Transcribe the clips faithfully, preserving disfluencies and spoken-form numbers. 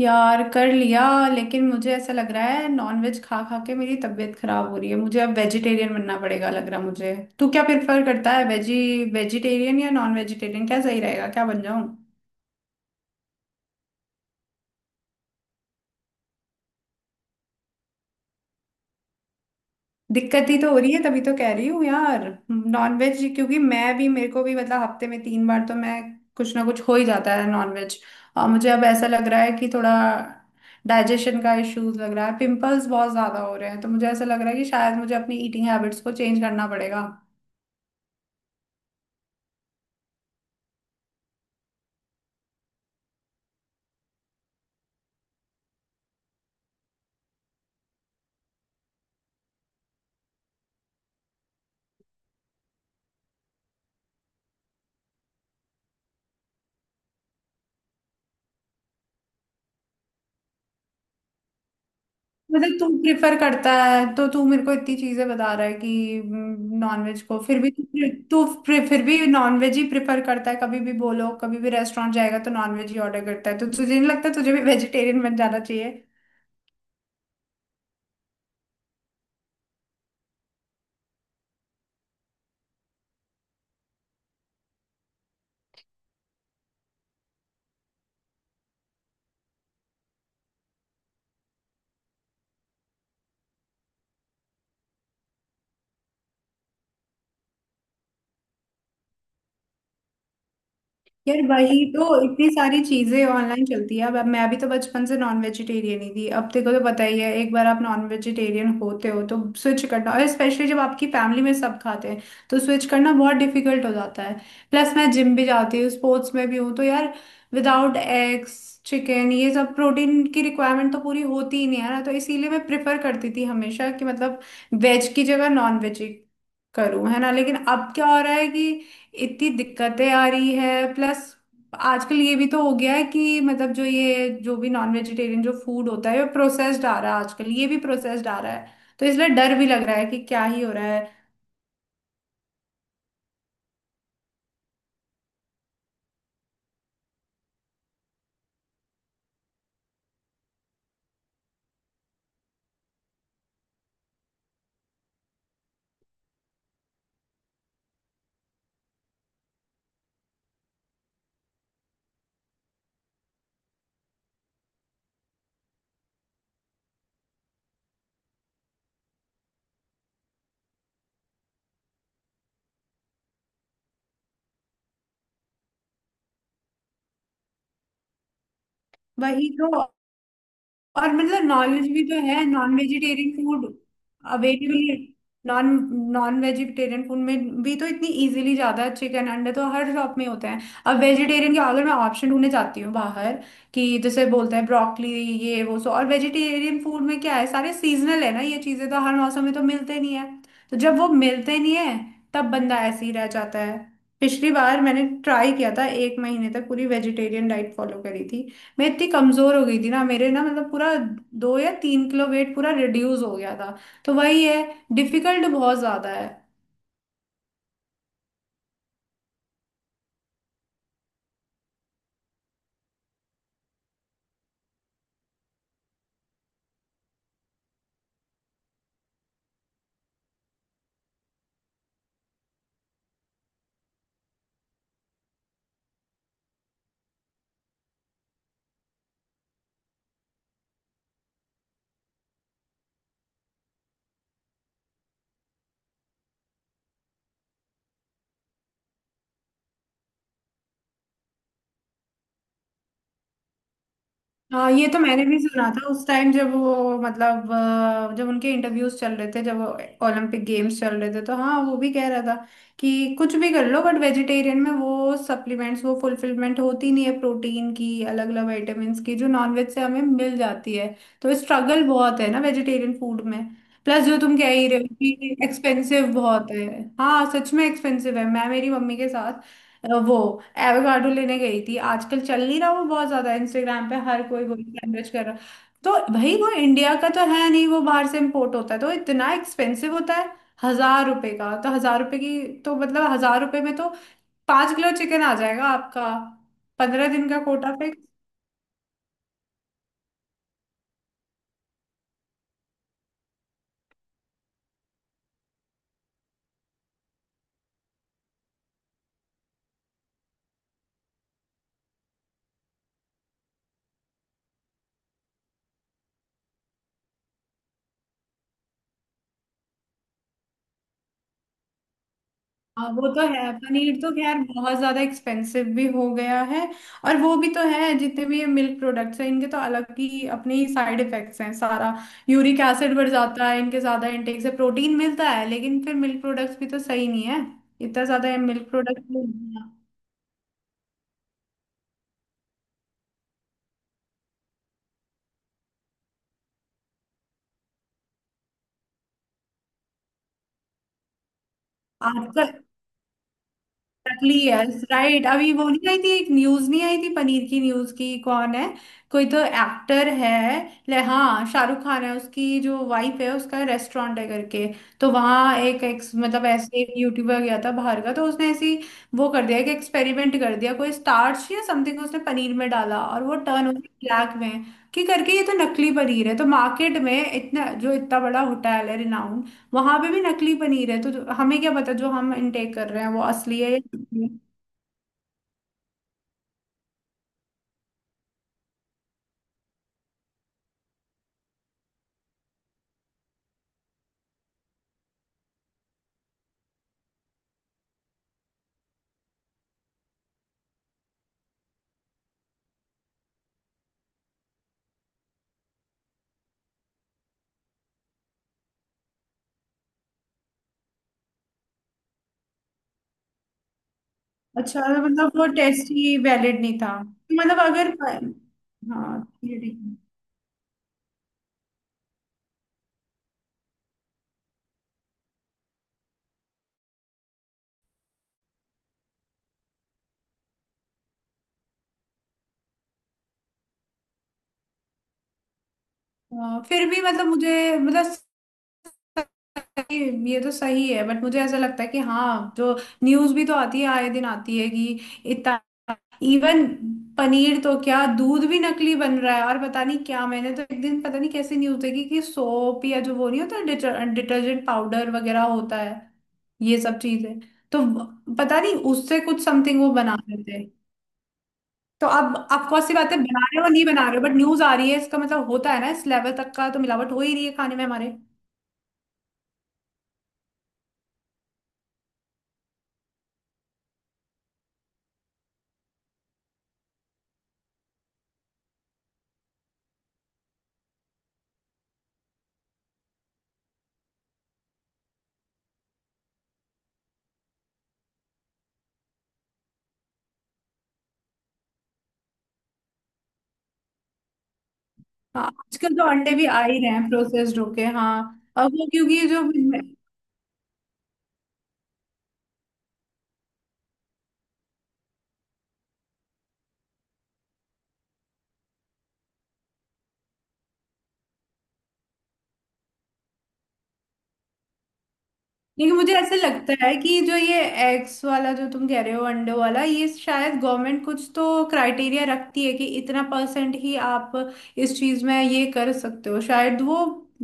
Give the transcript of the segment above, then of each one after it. यार कर लिया। लेकिन मुझे ऐसा लग रहा है नॉनवेज खा खा के मेरी तबीयत खराब हो रही है, मुझे अब वेजिटेरियन बनना पड़ेगा, लग रहा मुझे। तू क्या प्रेफर करता है, वेजी वेजिटेरियन या नॉन वेजिटेरियन, क्या सही रहेगा, क्या बन जाऊं? दिक्कत ही तो हो रही है, तभी तो कह रही हूँ यार। नॉन वेज, क्योंकि मैं भी मेरे को भी मतलब हफ्ते में तीन बार तो मैं कुछ ना कुछ हो ही जाता है नॉन वेज। और मुझे अब ऐसा लग रहा है कि थोड़ा डाइजेशन का इश्यूज लग रहा है, पिंपल्स बहुत ज्यादा हो रहे हैं, तो मुझे ऐसा लग रहा है कि शायद मुझे अपनी ईटिंग हैबिट्स को चेंज करना पड़ेगा। मतलब तू प्रिफर करता है तो तू मेरे को इतनी चीजें बता रहा है कि नॉनवेज को फिर भी तू प्रे- फिर फिर भी नॉनवेज ही प्रिफर करता है, कभी भी बोलो, कभी भी रेस्टोरेंट जाएगा तो नॉनवेज ही ऑर्डर करता है, तो तुझे नहीं लगता तुझे भी वेजिटेरियन बन जाना चाहिए? यार वही तो, इतनी सारी चीजें ऑनलाइन चलती है अब अब मैं भी तो बचपन से नॉन वेजिटेरियन ही थी, अब देखो तो पता ही है, एक बार आप नॉन वेजिटेरियन होते हो तो स्विच करना, और स्पेशली जब आपकी फैमिली में सब खाते हैं तो स्विच करना बहुत डिफिकल्ट हो जाता है। प्लस मैं जिम भी जाती हूँ, स्पोर्ट्स में भी हूँ, तो यार विदाउट एग्स, चिकन, ये सब प्रोटीन की रिक्वायरमेंट तो पूरी होती ही नहीं है ना, तो इसीलिए मैं प्रेफर करती थी हमेशा कि मतलब वेज की जगह नॉन वेज करूं, है ना। लेकिन अब क्या हो रहा है कि इतनी दिक्कतें आ रही है, प्लस आजकल ये भी तो हो गया है कि मतलब जो ये जो भी नॉन वेजिटेरियन जो फूड होता है वो प्रोसेस्ड आ रहा है, आजकल ये भी प्रोसेस्ड आ रहा है। तो इसलिए डर भी लग रहा है कि क्या ही हो रहा है। वही तो। और मतलब नॉलेज भी तो है, non vegetarian food available, non non vegetarian food में भी तो इतनी इजीली ज्यादा है, चिकन अंडे तो हर शॉप में होते हैं। अब वेजिटेरियन के अगर मैं ऑप्शन ढूंढने जाती हूँ बाहर, कि जैसे बोलते हैं ब्रोकली, ये वो, सो और वेजिटेरियन फूड में क्या है, सारे सीजनल है ना, ये चीजें तो हर मौसम में तो मिलते नहीं है। तो जब वो मिलते नहीं है तब बंदा ऐसे ही रह जाता है। पिछली बार मैंने ट्राई किया था एक महीने तक पूरी वेजिटेरियन डाइट फॉलो करी थी, मैं इतनी कमजोर हो गई थी ना, मेरे ना मतलब पूरा दो या तीन किलो वेट पूरा रिड्यूस हो गया था। तो वही है, डिफिकल्ट बहुत ज्यादा है। हाँ ये तो मैंने भी सुना था उस टाइम जब वो मतलब अ, जब उनके इंटरव्यूज चल रहे थे, जब ओलंपिक गेम्स चल रहे थे, तो हाँ वो भी कह रहा था कि कुछ भी कर लो बट वेजिटेरियन में वो सप्लीमेंट्स, वो फुलफिलमेंट होती नहीं है, प्रोटीन की, अलग अलग विटामिन्स की जो नॉनवेज से हमें मिल जाती है। तो स्ट्रगल बहुत है ना वेजिटेरियन फूड में। प्लस जो तुम कह ही रहे हो कि एक्सपेंसिव बहुत है। हाँ सच में एक्सपेंसिव है। मैं मेरी मम्मी के साथ अ, वो एवोकाडो लेने गई थी, आजकल चल नहीं रहा वो बहुत ज्यादा, इंस्टाग्राम पे हर कोई वही सैंडविच कर रहा। तो भाई वो इंडिया का तो है नहीं, वो बाहर से इम्पोर्ट होता है तो इतना एक्सपेंसिव होता है। हजार रुपए का तो हजार रुपए की। तो मतलब हजार रुपए में तो पांच किलो चिकन आ जाएगा आपका, पंद्रह दिन का कोटा पे। हाँ वो तो है, पनीर तो खैर बहुत ज्यादा एक्सपेंसिव भी हो गया है। और वो भी तो है, जितने भी ये मिल्क प्रोडक्ट्स हैं इनके तो अलग ही अपने ही साइड इफेक्ट्स हैं, सारा यूरिक एसिड बढ़ जाता है इनके ज्यादा इंटेक से, प्रोटीन मिलता है लेकिन फिर मिल्क प्रोडक्ट्स भी तो सही नहीं है, इतना ज्यादा मिल्क प्रोडक्ट। आजकल नकली, यस राइट, अभी वो नहीं आई थी एक न्यूज, नहीं आई थी पनीर की न्यूज की, कौन है, कोई तो एक्टर है, ले हाँ शाहरुख खान है, उसकी जो वाइफ है उसका रेस्टोरेंट है करके, तो वहाँ एक, एक मतलब ऐसे एक यूट्यूबर गया था बाहर का, तो उसने ऐसी वो कर दिया कि एक्सपेरिमेंट कर दिया, कोई स्टार्च या समथिंग उसने पनीर में डाला और वो टर्न हो गई ब्लैक में, कि करके ये तो नकली पनीर है, तो मार्केट में इतना, जो इतना बड़ा होटल है रिनाउंड, वहां पे भी नकली पनीर है, तो जो- हमें क्या पता जो हम इनटेक कर रहे हैं वो असली है या नकली है। अच्छा मतलब वो टेस्ट ही वैलिड नहीं था, मतलब अगर हाँ, ये ठीक है। अ, फिर भी मतलब मुझे, मतलब ये ये तो सही है बट मुझे ऐसा लगता है कि हाँ, जो न्यूज भी तो आती है, आए दिन आती है कि इतना इवन पनीर तो क्या, दूध भी नकली बन रहा है। और पता नहीं क्या, मैंने तो एक दिन पता नहीं कैसी न्यूज देखी कि सोप, या जो वो नहीं होता डिटर, डिटर्जेंट पाउडर वगैरह होता है, ये सब चीजें, तो व- पता नहीं उससे कुछ समथिंग वो बना रहे थे। तो अब आप कौन सी बातें, बना रहे हो नहीं बना रहे हो बट न्यूज आ रही है, इसका मतलब होता है ना, इस लेवल तक का तो मिलावट हो ही रही है खाने में हमारे। हाँ आजकल तो अंडे भी आ ही रहे हैं प्रोसेस्ड होके, हाँ। और वो क्योंकि जो लेकिन मुझे ऐसे लगता है कि जो ये एग्स वाला, जो तुम कह रहे हो अंडों वाला, ये शायद गवर्नमेंट कुछ तो क्राइटेरिया रखती है कि इतना परसेंट ही आप इस चीज में ये कर सकते हो, शायद वो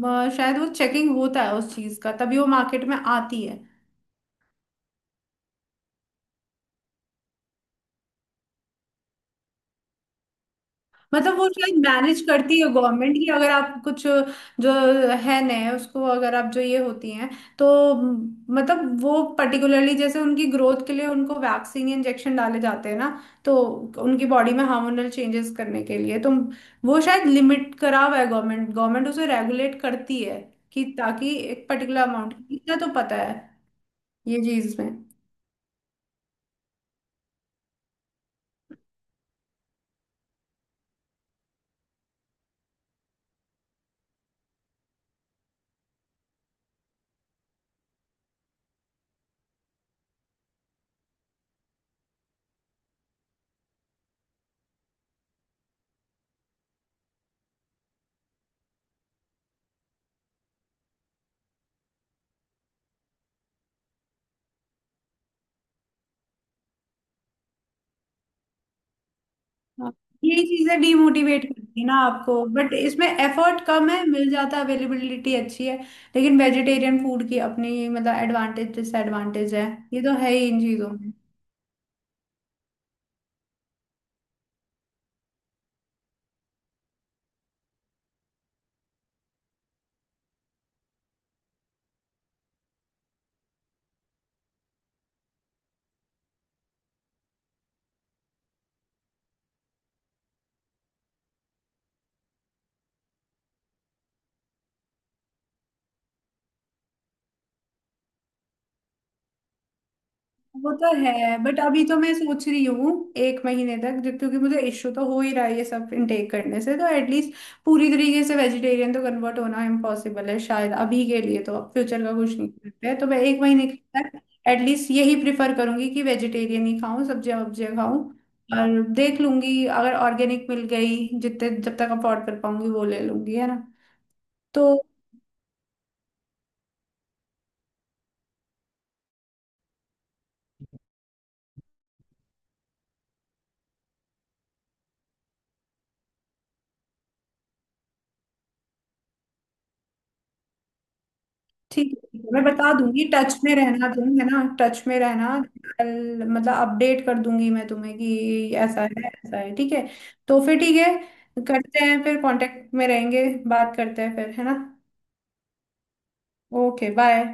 अ, शायद वो चेकिंग होता है उस चीज का, तभी वो मार्केट में आती है। मतलब वो शायद मैनेज करती है गवर्नमेंट की, अगर आप कुछ जो है नए उसको, अगर आप जो ये होती हैं तो, मतलब वो पर्टिकुलरली जैसे उनकी ग्रोथ के लिए उनको वैक्सीन इंजेक्शन डाले जाते हैं ना, तो उनकी बॉडी में हार्मोनल चेंजेस करने के लिए तो वो शायद लिमिट करा हुआ है, गवर्नमेंट गवर्नमेंट उसे रेगुलेट करती है कि ताकि एक पर्टिकुलर अमाउंट इतना तो पता है, ये चीज में। हाँ, ये चीजें डीमोटिवेट करती है ना आपको, बट इसमें एफर्ट कम है, मिल जाता है, अवेलेबिलिटी अच्छी है, लेकिन वेजिटेरियन फूड की अपनी मतलब एडवांटेज डिसएडवांटेज है। ये तो है ही इन चीजों। वो तो है बट अभी तो मैं सोच रही हूँ एक महीने तक, जब क्योंकि मुझे इश्यू तो हो ही रहा है ये सब इनटेक करने से, तो एटलीस्ट पूरी तरीके से वेजिटेरियन तो कन्वर्ट होना इम्पॉसिबल है शायद अभी के लिए, तो फ्यूचर का कुछ नहीं करते हैं, तो मैं एक महीने के तक एटलीस्ट यही प्रिफर करूंगी कि वेजिटेरियन ही खाऊं, सब्जियां वब्जियां खाऊं, और देख लूंगी अगर ऑर्गेनिक मिल गई, जितने जब तक अफोर्ड कर पाऊंगी वो ले लूंगी, है ना। तो ठीक है मैं बता दूंगी, टच में रहना तुम, है ना, टच में रहना। कल मतलब अपडेट कर दूंगी मैं तुम्हें कि ऐसा है ऐसा है, ठीक है। तो फिर ठीक है। करते हैं फिर, कांटेक्ट में रहेंगे, बात करते हैं फिर, है ना। Okay bye.